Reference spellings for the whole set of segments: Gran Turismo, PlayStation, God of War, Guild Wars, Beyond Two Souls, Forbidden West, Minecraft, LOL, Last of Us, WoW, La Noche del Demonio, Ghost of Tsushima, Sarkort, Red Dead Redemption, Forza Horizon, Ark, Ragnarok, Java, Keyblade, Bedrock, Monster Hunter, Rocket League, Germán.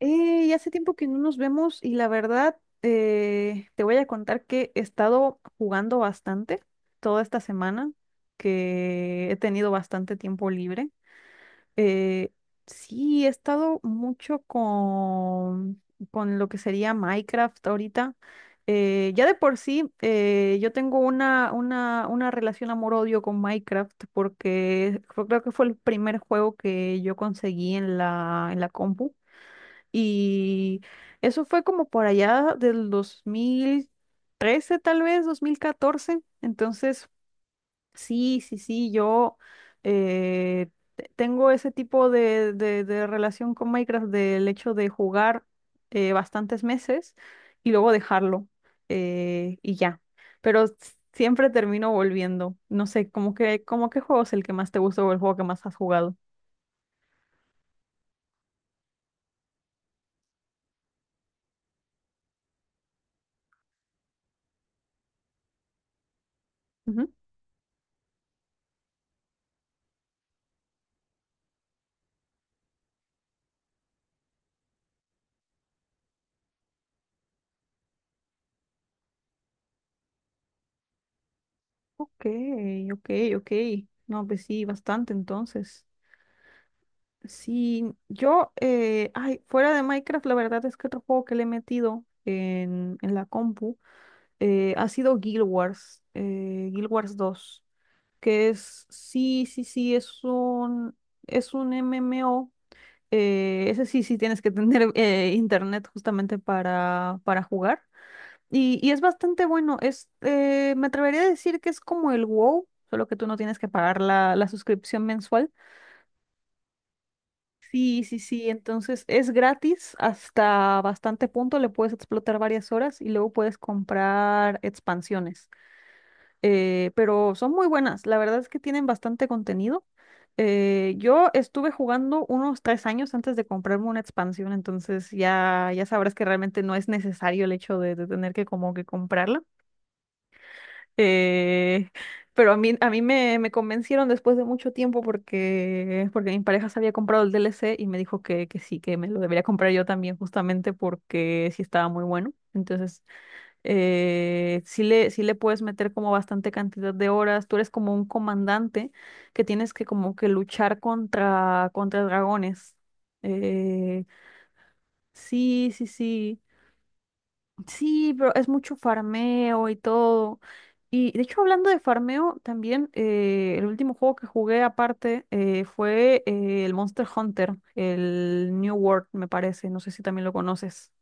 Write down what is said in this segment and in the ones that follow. Ya hace tiempo que no nos vemos y la verdad te voy a contar que he estado jugando bastante toda esta semana, que he tenido bastante tiempo libre. Eh, sí, he estado mucho con lo que sería Minecraft ahorita. Ya de por sí, yo tengo una relación amor-odio con Minecraft porque creo que fue el primer juego que yo conseguí en en la compu. Y eso fue como por allá del 2013, tal vez, 2014. Entonces, sí, sí, sí, yo eh, tengo ese tipo de relación con Minecraft del hecho de jugar bastantes meses y luego dejarlo y ya. Pero s- Siempre termino volviendo. No sé, ¿cómo que, cómo qué juego es el que más te gusta o el juego que más has jugado? Ok, ok, ok. No, pues sí, bastante entonces. Sí, yo, ay, fuera de Minecraft, la verdad es que otro juego que le he metido en la compu ha sido Guild Wars, Guild Wars dos que sí, sí, sí, es un MMO. Ese sí, sí tienes que tener internet justamente para jugar. Y es bastante bueno. Es, me atrevería a decir que es como el WoW, solo que tú no tienes que pagar la suscripción mensual. Sí, sí, sí. Entonces es gratis hasta bastante punto. Le puedes explotar varias horas y luego puedes comprar expansiones. Pero son muy buenas. La verdad es que tienen bastante contenido. Yo estuve jugando unos tres años antes de comprarme una expansión, entonces ya, ya sabrás que realmente no es necesario el hecho de tener que como que comprarla. Eh, pero a mí me, me convencieron después de mucho tiempo porque, porque mi pareja se había comprado el DLC y me dijo que sí, que me lo debería comprar yo también justamente porque sí estaba muy bueno. Entonces, sí le puedes meter como bastante cantidad de horas. Tú eres como un comandante que tienes que como que luchar contra, contra dragones. Eh, sí, sí, sí. Sí, pero es mucho farmeo y todo. Y de hecho, hablando de farmeo, también el último juego que jugué aparte fue el Monster Hunter, el New World, me parece. No sé si también lo conoces.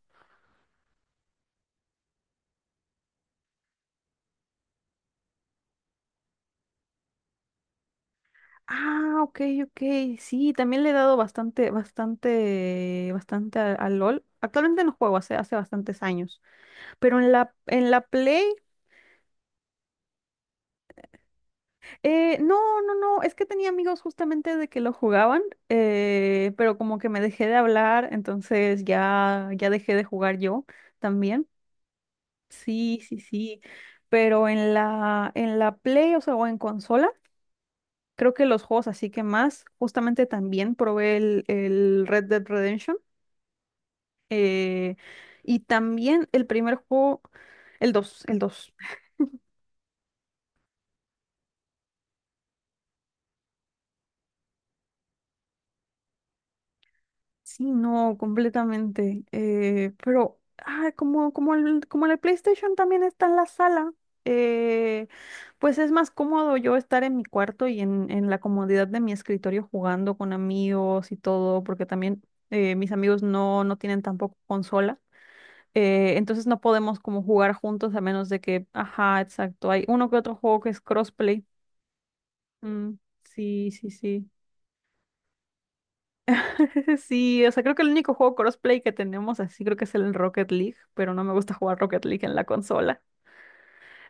Ah, ok, ok. Sí, también le he dado bastante, bastante, bastante al LOL. Actualmente no juego, hace, hace bastantes años. Pero en la Play. No, no, no, es que tenía amigos justamente de que lo jugaban, pero como que me dejé de hablar, entonces ya, ya dejé de jugar yo también. Sí, sí, sí, pero en la Play, o sea, o en consola, creo que los juegos así que más, justamente también probé el Red Dead Redemption, eh, y también el primer juego, el 2, el 2. Sí, no, completamente. Pero, ah, como, como el PlayStation también está en la sala, eh, pues es más cómodo yo estar en mi cuarto y en la comodidad de mi escritorio jugando con amigos y todo, porque también mis amigos no, no tienen tampoco consola. Entonces no podemos como jugar juntos a menos de que, ajá, exacto, hay uno que otro juego que es crossplay. Mm, sí, sí, sí. Sí, o sea, creo que el único juego crossplay que tenemos así creo que es el Rocket League, pero no me gusta jugar Rocket League en la consola.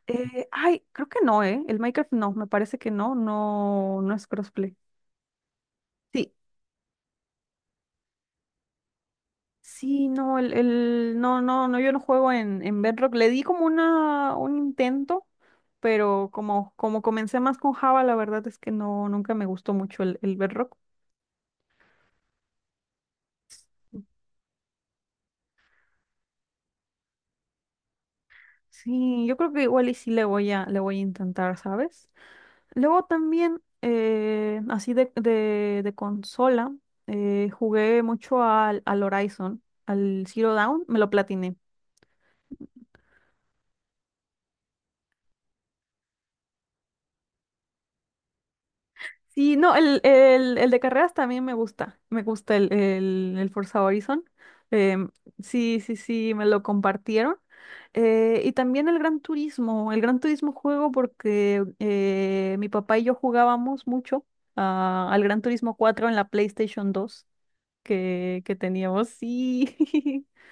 Ay, creo que no, ¿eh? El Minecraft no, me parece que no, no, no es crossplay. Sí, sí, no, el, no, no, no, yo no juego en Bedrock. Le di como una, un intento, pero como, como comencé más con Java, la verdad es que no, nunca me gustó mucho el Bedrock. Sí, yo creo que igual y sí le voy a intentar, ¿sabes? Luego también, así de consola, jugué mucho al, al Horizon, al Zero Dawn, me lo platiné. Sí, no, el de carreras también me gusta el Forza Horizon. em, sí, sí, sí, me lo compartieron. Y también el Gran Turismo juego porque mi papá y yo jugábamos mucho al Gran Turismo cuatro en la PlayStation dos que teníamos, sí.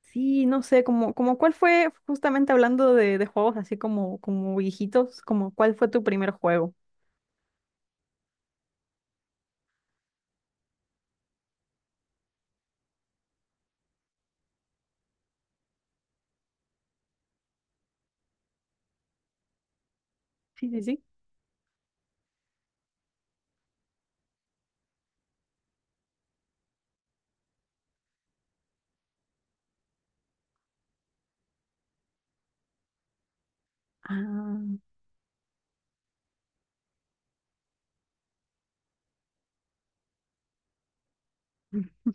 Sí, no sé, como, como cuál fue, justamente hablando de juegos así como, como viejitos, como cuál fue tu primer juego. Sí, sí, sí. Ah, mm.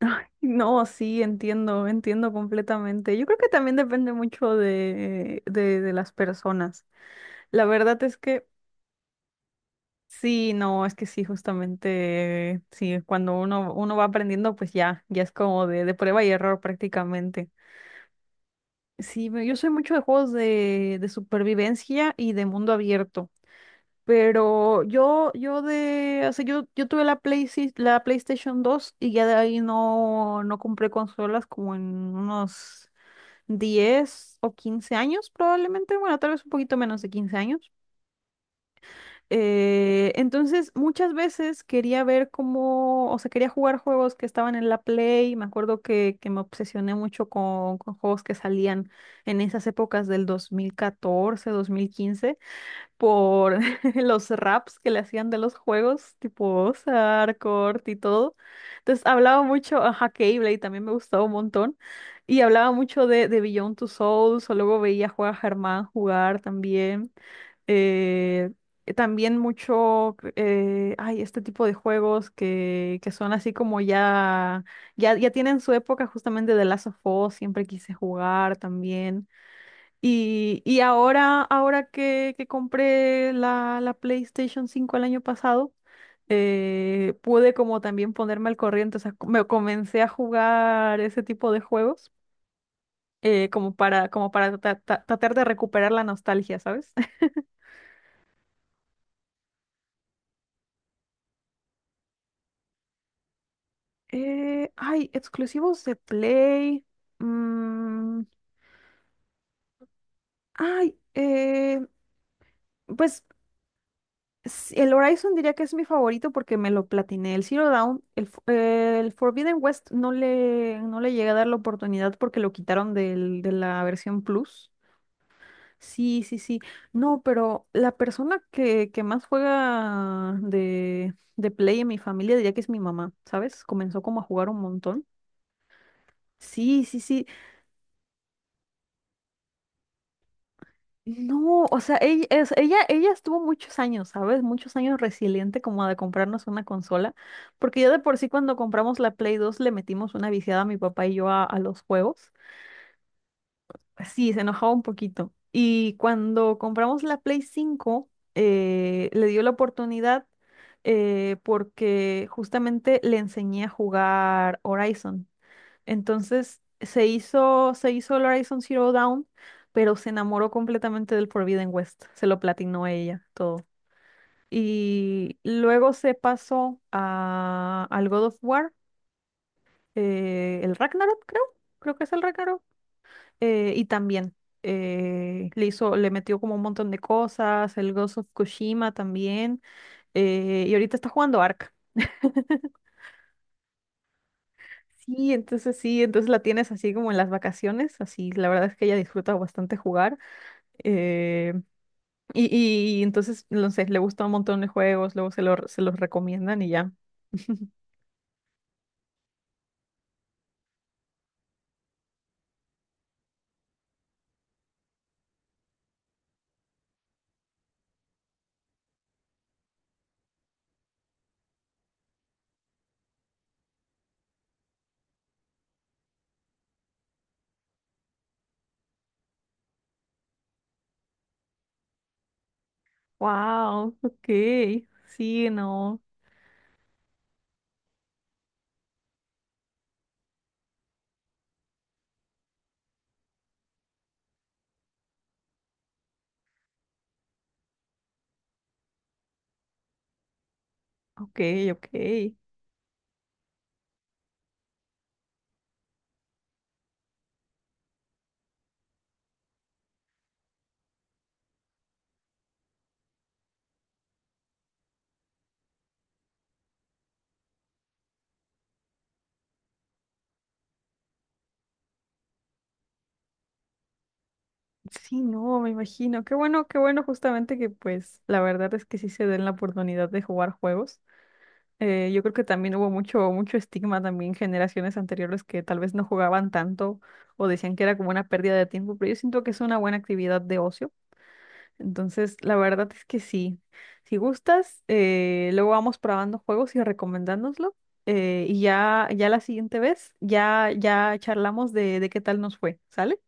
Ay, no, sí, entiendo, entiendo completamente. Yo creo que también depende mucho de las personas. La verdad es que sí, no, es que sí, justamente, sí, cuando uno, uno va aprendiendo, pues ya, ya es como de prueba y error prácticamente. Sí, yo soy mucho de juegos de supervivencia y de mundo abierto. Pero yo de, o sea, yo tuve la Play, la PlayStation dos y ya de ahí no, no compré consolas como en unos 10 o 15 años probablemente, bueno, tal vez un poquito menos de 15 años. Entonces, muchas veces quería ver cómo, o sea, quería jugar juegos que estaban en la Play. Me acuerdo que me obsesioné mucho con juegos que salían en esas épocas del 2014, 2015 por los raps que le hacían de los juegos, tipo Sarkort y todo. Entonces hablaba mucho, ajá, Keyblade también me gustaba un montón. Y hablaba mucho de Beyond Two Souls, o luego veía jugar a Germán jugar también. Eh, También mucho, ay, este tipo de juegos que son así como ya, ya, ya tienen su época justamente de Last of Us, siempre quise jugar también. Y ahora, ahora que compré la, la PlayStation cinco el año pasado, pude como también ponerme al corriente, o sea, me comencé a jugar ese tipo de juegos, como para, como para tratar de recuperar la nostalgia, ¿sabes? Ay, exclusivos de Play. mm, Ay, pues el Horizon diría que es mi favorito porque me lo platiné. El Zero Dawn, el, el Forbidden West no le, no le llegué a dar la oportunidad porque lo quitaron de la versión Plus. Sí, sí, sí. No, pero la persona que más juega de Play en mi familia diría que es mi mamá, ¿sabes? Comenzó como a jugar un montón. Sí, sí, sí. No, o sea, ella, ella, ella estuvo muchos años, ¿sabes? Muchos años resiliente como de comprarnos una consola, porque ya de por sí cuando compramos la Play 2 le metimos una viciada a mi papá y yo a los juegos. Pues sí, se enojaba un poquito. Y cuando compramos la Play 5 le dio la oportunidad porque justamente le enseñé a jugar Horizon. Entonces se hizo el Horizon Zero Dawn, pero se enamoró completamente del Forbidden West. Se lo platinó ella, todo. Y luego se pasó a, al God of War, el Ragnarok, creo. Creo que es el Ragnarok. Y también le hizo, le metió como un montón de cosas, el Ghost of Tsushima también. Y ahorita está jugando Ark. Sí, entonces la tienes así como en las vacaciones, así la verdad es que ella disfruta bastante jugar. eh, y, y entonces, no sé, le gusta un montón de juegos, luego se, lo, se los recomiendan y ya. Wow, ok, sí, no, ok, ok. Sí, no, me imagino. Qué bueno justamente que pues la verdad es que sí se den la oportunidad de jugar juegos. Yo creo que también hubo mucho, mucho estigma también generaciones anteriores que tal vez no jugaban tanto o decían que era como una pérdida de tiempo, pero yo siento que es una buena actividad de ocio. Entonces, la verdad es que sí. Si gustas, luego vamos probando juegos y recomendándonoslo. Y ya, ya la siguiente vez, ya, ya charlamos de qué tal nos fue, ¿sale?